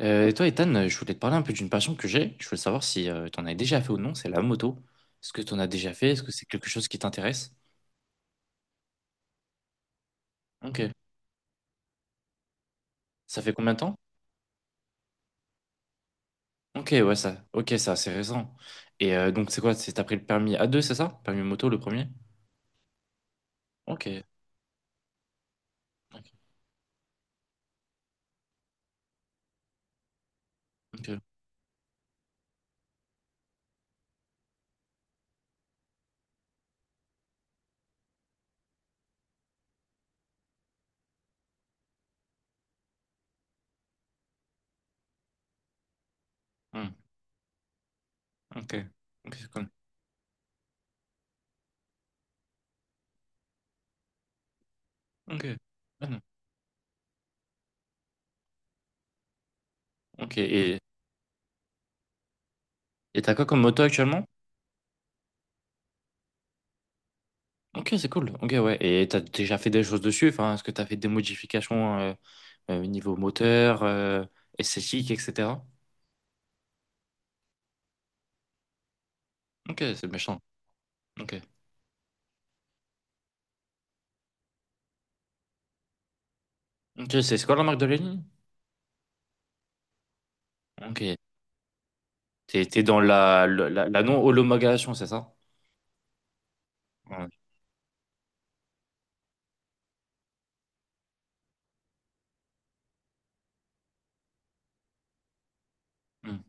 Et toi, Ethan, je voulais te parler un peu d'une passion que j'ai. Je voulais savoir si t'en as déjà fait ou non, c'est la moto. Est-ce que tu en as déjà fait? Est-ce que c'est quelque chose qui t'intéresse? Ok. Ça fait combien de temps? Ok, ouais, ça. Ok, ça, c'est récent. Et donc, c'est quoi? C'est t'as pris le permis A2, c'est ça? Permis moto, le premier? Ok. Ok. Ok. Hmm. Ok. Ok, c'est cool. Ok. Ah non. Ok. Et t'as quoi comme moto actuellement? Ok, c'est cool. Ok, ouais. Et t'as déjà fait des choses dessus? Enfin, est-ce que t'as fait des modifications niveau moteur, esthétique, etc.? Ok, c'est méchant. Ok. Ok, c'est quoi la marque de Lénine? Ok. T'es t'es dans la non-homologation, c'est ça? Ouais. Hmm.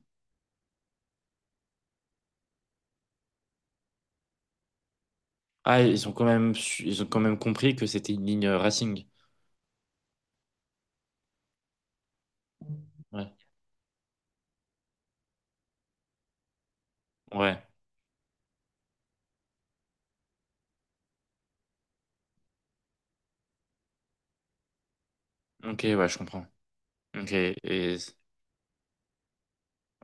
Ah, ils ont quand même, ils ont quand même compris que c'était une ligne racing. Ouais. Ouais. Ok, ouais, je comprends. Ok. Et...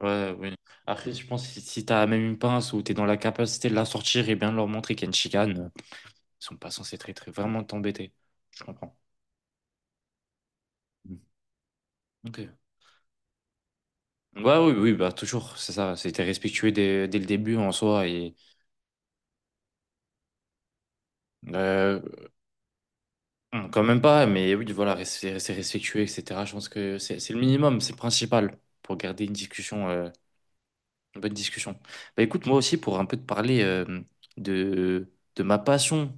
Ouais, oui. Après, je pense que si t'as même une pince ou t'es dans la capacité de la sortir et bien de leur montrer qu'il y a une chicane, ils sont pas censés très, très vraiment t'embêter. Je comprends. Hmm. Ok. Ouais, oui, oui, bah toujours, c'est ça. C'était respectueux dès le début en soi. Et. euh, Quand même pas, mais oui, voilà, rester respectueux, etc. Je pense que c'est le minimum, c'est le principal pour garder une discussion, une bonne discussion. Bah écoute, moi aussi, pour un peu te parler de, de ma passion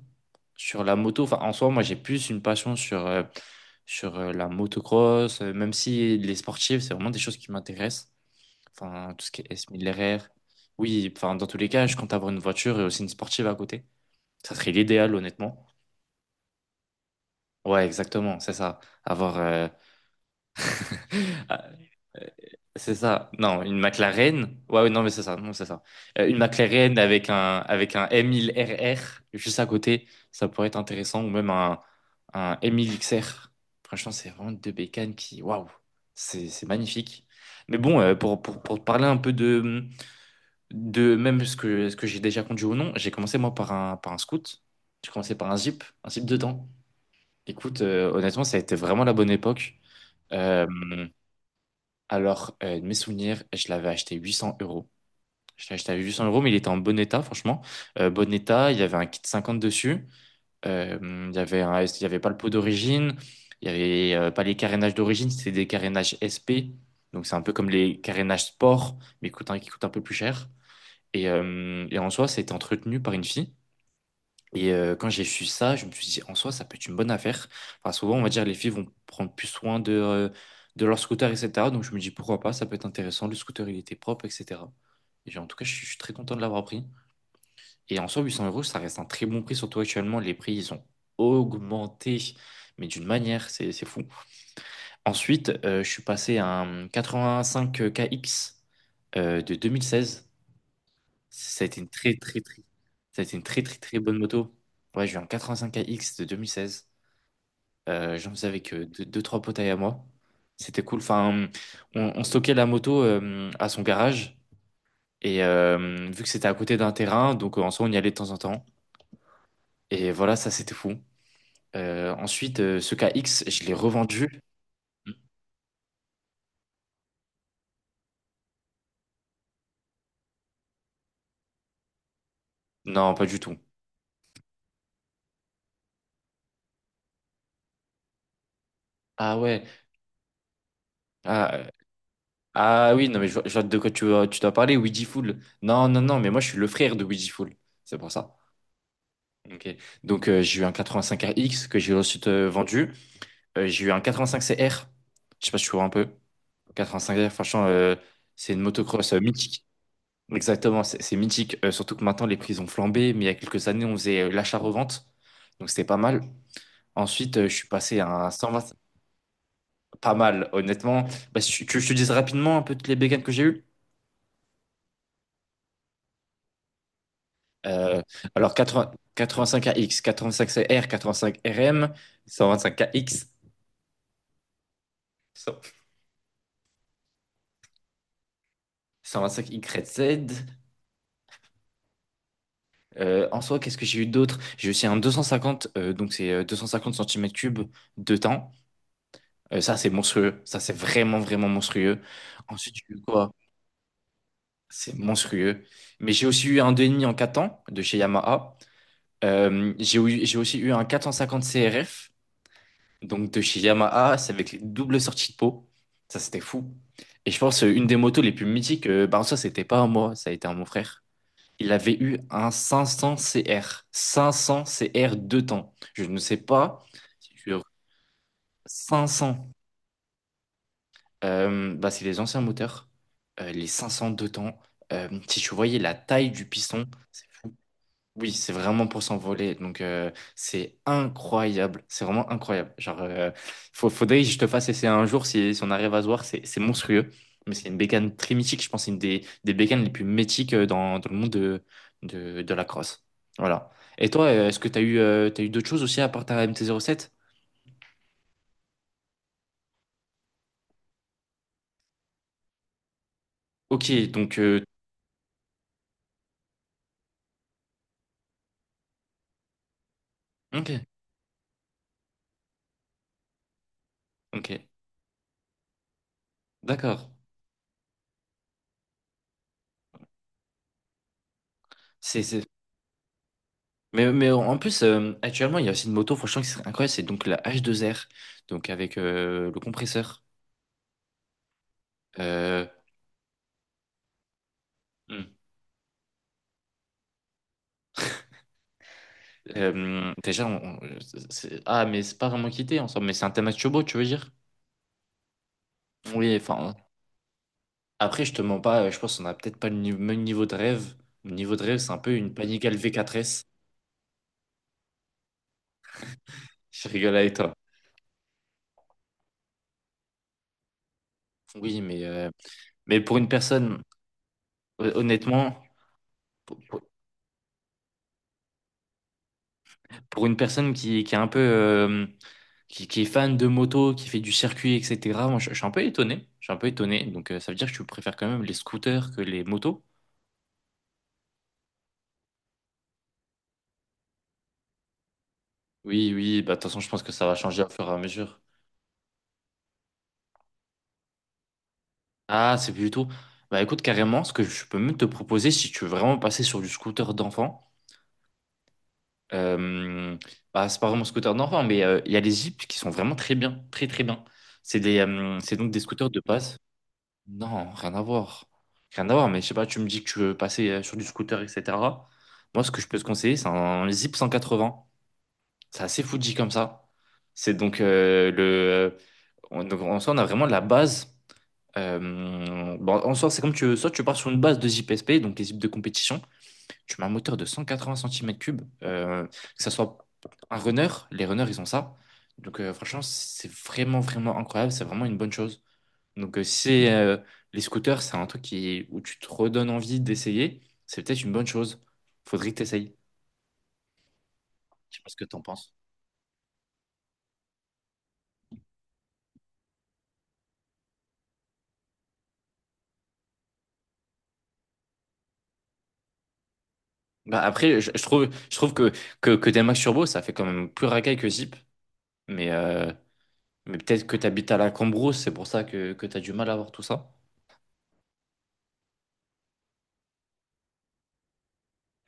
sur la moto, enfin en soi, moi j'ai plus une passion sur la motocross, même si les sportives, c'est vraiment des choses qui m'intéressent. Enfin, tout ce qui est S1000 RR. Oui, enfin, dans tous les cas, je compte avoir une voiture et aussi une sportive à côté. Ça serait l'idéal, honnêtement. Ouais, exactement, c'est ça. Avoir. Ah, euh, c'est ça. Non, une McLaren. Ouais, ouais, non, mais c'est ça. Non, c'est ça. Une McLaren avec un M1000RR juste à côté, ça pourrait être intéressant. Ou même un M1000XR. Franchement, c'est vraiment deux bécanes qui. Waouh! C'est magnifique. Mais bon, pour te parler un peu de même ce que j'ai déjà conduit ou non, j'ai commencé moi par par un scoot. J'ai commencé par un Jeep dedans. Écoute, honnêtement, ça a été vraiment la bonne époque. Euh, de mes souvenirs, je l'avais acheté 800 euros. Je l'ai acheté à 800 euros, mais il était en bon état, franchement. Bon état, il y avait un kit 50 dessus. Il y avait pas le pot d'origine. Il y avait pas les carénages d'origine, c'était des carénages SP. Donc, c'est un peu comme les carénages sport, mais qui coûtent un peu plus cher. Et en soi, c'était entretenu par une fille. Et quand j'ai su ça, je me suis dit, en soi, ça peut être une bonne affaire. Enfin, souvent, on va dire, les filles vont prendre plus soin de leur scooter, etc. Donc, je me dis, pourquoi pas, ça peut être intéressant. Le scooter, il était propre, etc. Et en tout cas, je suis très content de l'avoir pris. Et en soi, 800 euros, ça reste un très bon prix, surtout actuellement. Les prix, ils ont augmenté, mais d'une manière, c'est fou. Ensuite, je suis passé à un 85 KX de 2016. Ça a été une très très très Ça a été une très très très bonne moto. Ouais, j'ai eu un 85 X de 2016. J'en faisais avec trois potes à moi. C'était cool. Enfin, on stockait la moto à son garage et vu que c'était à côté d'un terrain, donc en soi on y allait de temps en temps. Et voilà, ça c'était fou. Ce K X je l'ai revendu. Non, pas du tout. Ah ouais. Ah, euh, ah oui, non, mais je vois de quoi tu dois parler, Ouija Fool. Non, non, non, mais moi je suis le frère de Ouija Fool. C'est pour ça. Ok. Donc j'ai eu un 85 X que j'ai ensuite vendu. J'ai eu un 85CR. Je sais pas si tu vois un peu. 85R, franchement, c'est une motocross mythique. Exactement, c'est mythique. Surtout que maintenant les prix ont flambé, mais il y a quelques années on faisait l'achat-revente. Donc c'était pas mal. Ensuite, je suis passé à un 120. Pas mal, honnêtement. Bah, si tu veux que je te dise rapidement un peu toutes les bécanes que j'ai eues. Euh, alors 80 85AX, 85CR, 85RM, 125 X. 125YZ. En soi, qu'est-ce que j'ai eu d'autre? J'ai aussi un 250, donc c'est 250 centimètres cubes de temps. Ça, c'est monstrueux. Ça, c'est vraiment, vraiment monstrueux. Ensuite, j'ai eu quoi? C'est monstrueux. Mais j'ai aussi eu un 2,5 en 4 temps de chez Yamaha. J'ai aussi eu un 450 CRF, donc de chez Yamaha. C'est avec les doubles sorties de peau. Ça, c'était fou. Et je pense, une des motos les plus mythiques, bah, ça, c'était pas à moi, ça a été à mon frère. Il avait eu un 500 CR. 500 CR deux temps. Je ne sais pas si sur 500. Bah, c'est les anciens moteurs. Les 500 deux temps. Si tu voyais la taille du piston, c'est fou. Oui, c'est vraiment pour s'envoler. Donc, c'est incroyable. C'est vraiment incroyable. Genre, faudrait que je te fasse essayer un jour si, si on arrive à se voir. C'est monstrueux. Mais c'est une bécane très mythique. Je pense que c'est une des bécanes les plus mythiques dans, dans le monde de la crosse. Voilà. Et toi, est-ce que tu as eu, t'as eu d'autres choses aussi à part ta MT-07? Ok, donc. Ok, ok. D'accord. C'est... mais en plus, actuellement, il y a aussi une moto, franchement, qui serait incroyable. C'est donc la H2R. Donc, avec le compresseur. Euh, Hmm. Déjà, on- c'est- ah, Mais c'est pas vraiment quitté ensemble, mais c'est un thème assez beau, tu veux dire? Oui, enfin, après, je te mens pas, je pense qu'on a peut-être pas le ni- même niveau de rêve. Mon niveau de rêve, c'est un peu une Panic LV4S. Je rigole avec toi. Oui, mais pour une personne, honnêtement, pour, pour- pour une personne qui est un peu, qui est fan de moto, qui fait du circuit, etc., moi, je suis un peu étonné. Je suis un peu étonné. Donc, ça veut dire que tu préfères quand même les scooters que les motos. Oui, oui, bah, de toute façon, je pense que ça va changer au fur et à mesure. Ah, c'est plutôt. Bah, écoute, carrément, ce que je peux même te proposer, si tu veux vraiment passer sur du scooter d'enfant, euh, bah, c'est pas vraiment scooter d'enfant, mais il y a les Jeeps qui sont vraiment très bien, très très bien. C'est des, c'est donc des scooters de base. Non, rien à voir. Rien à voir, mais je sais pas, tu me dis que tu veux passer sur du scooter, etc. Moi, ce que je peux te conseiller, c'est un Zip 180. C'est assez Fuji comme ça. C'est donc le. Euh, on- donc, En soi, on a vraiment la base. Bon, en soi, c'est comme tu veux. Soit tu pars sur une base de JPSP, donc les zips de compétition. Tu mets un moteur de 180 cm3. Que ça soit un runner, les runners, ils ont ça. Donc, franchement, c'est vraiment, vraiment incroyable. C'est vraiment une bonne chose. Donc, si c'est, les scooters, c'est un truc où tu te redonnes envie d'essayer, c'est peut-être une bonne chose. Faudrait que tu essayes. Je sais pas ce que tu en penses. Bah, après, je trouve que des Max Turbo, ça fait quand même plus racaille que Zip. Mais mais peut-être que tu habites à la Cambrousse, c'est pour ça que tu as du mal à voir tout ça.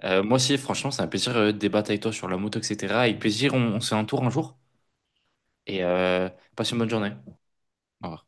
Moi aussi, franchement, c'est un plaisir de débattre avec toi sur la moto, etc. Avec plaisir, on se fait un tour un jour et passe une bonne journée. Au revoir.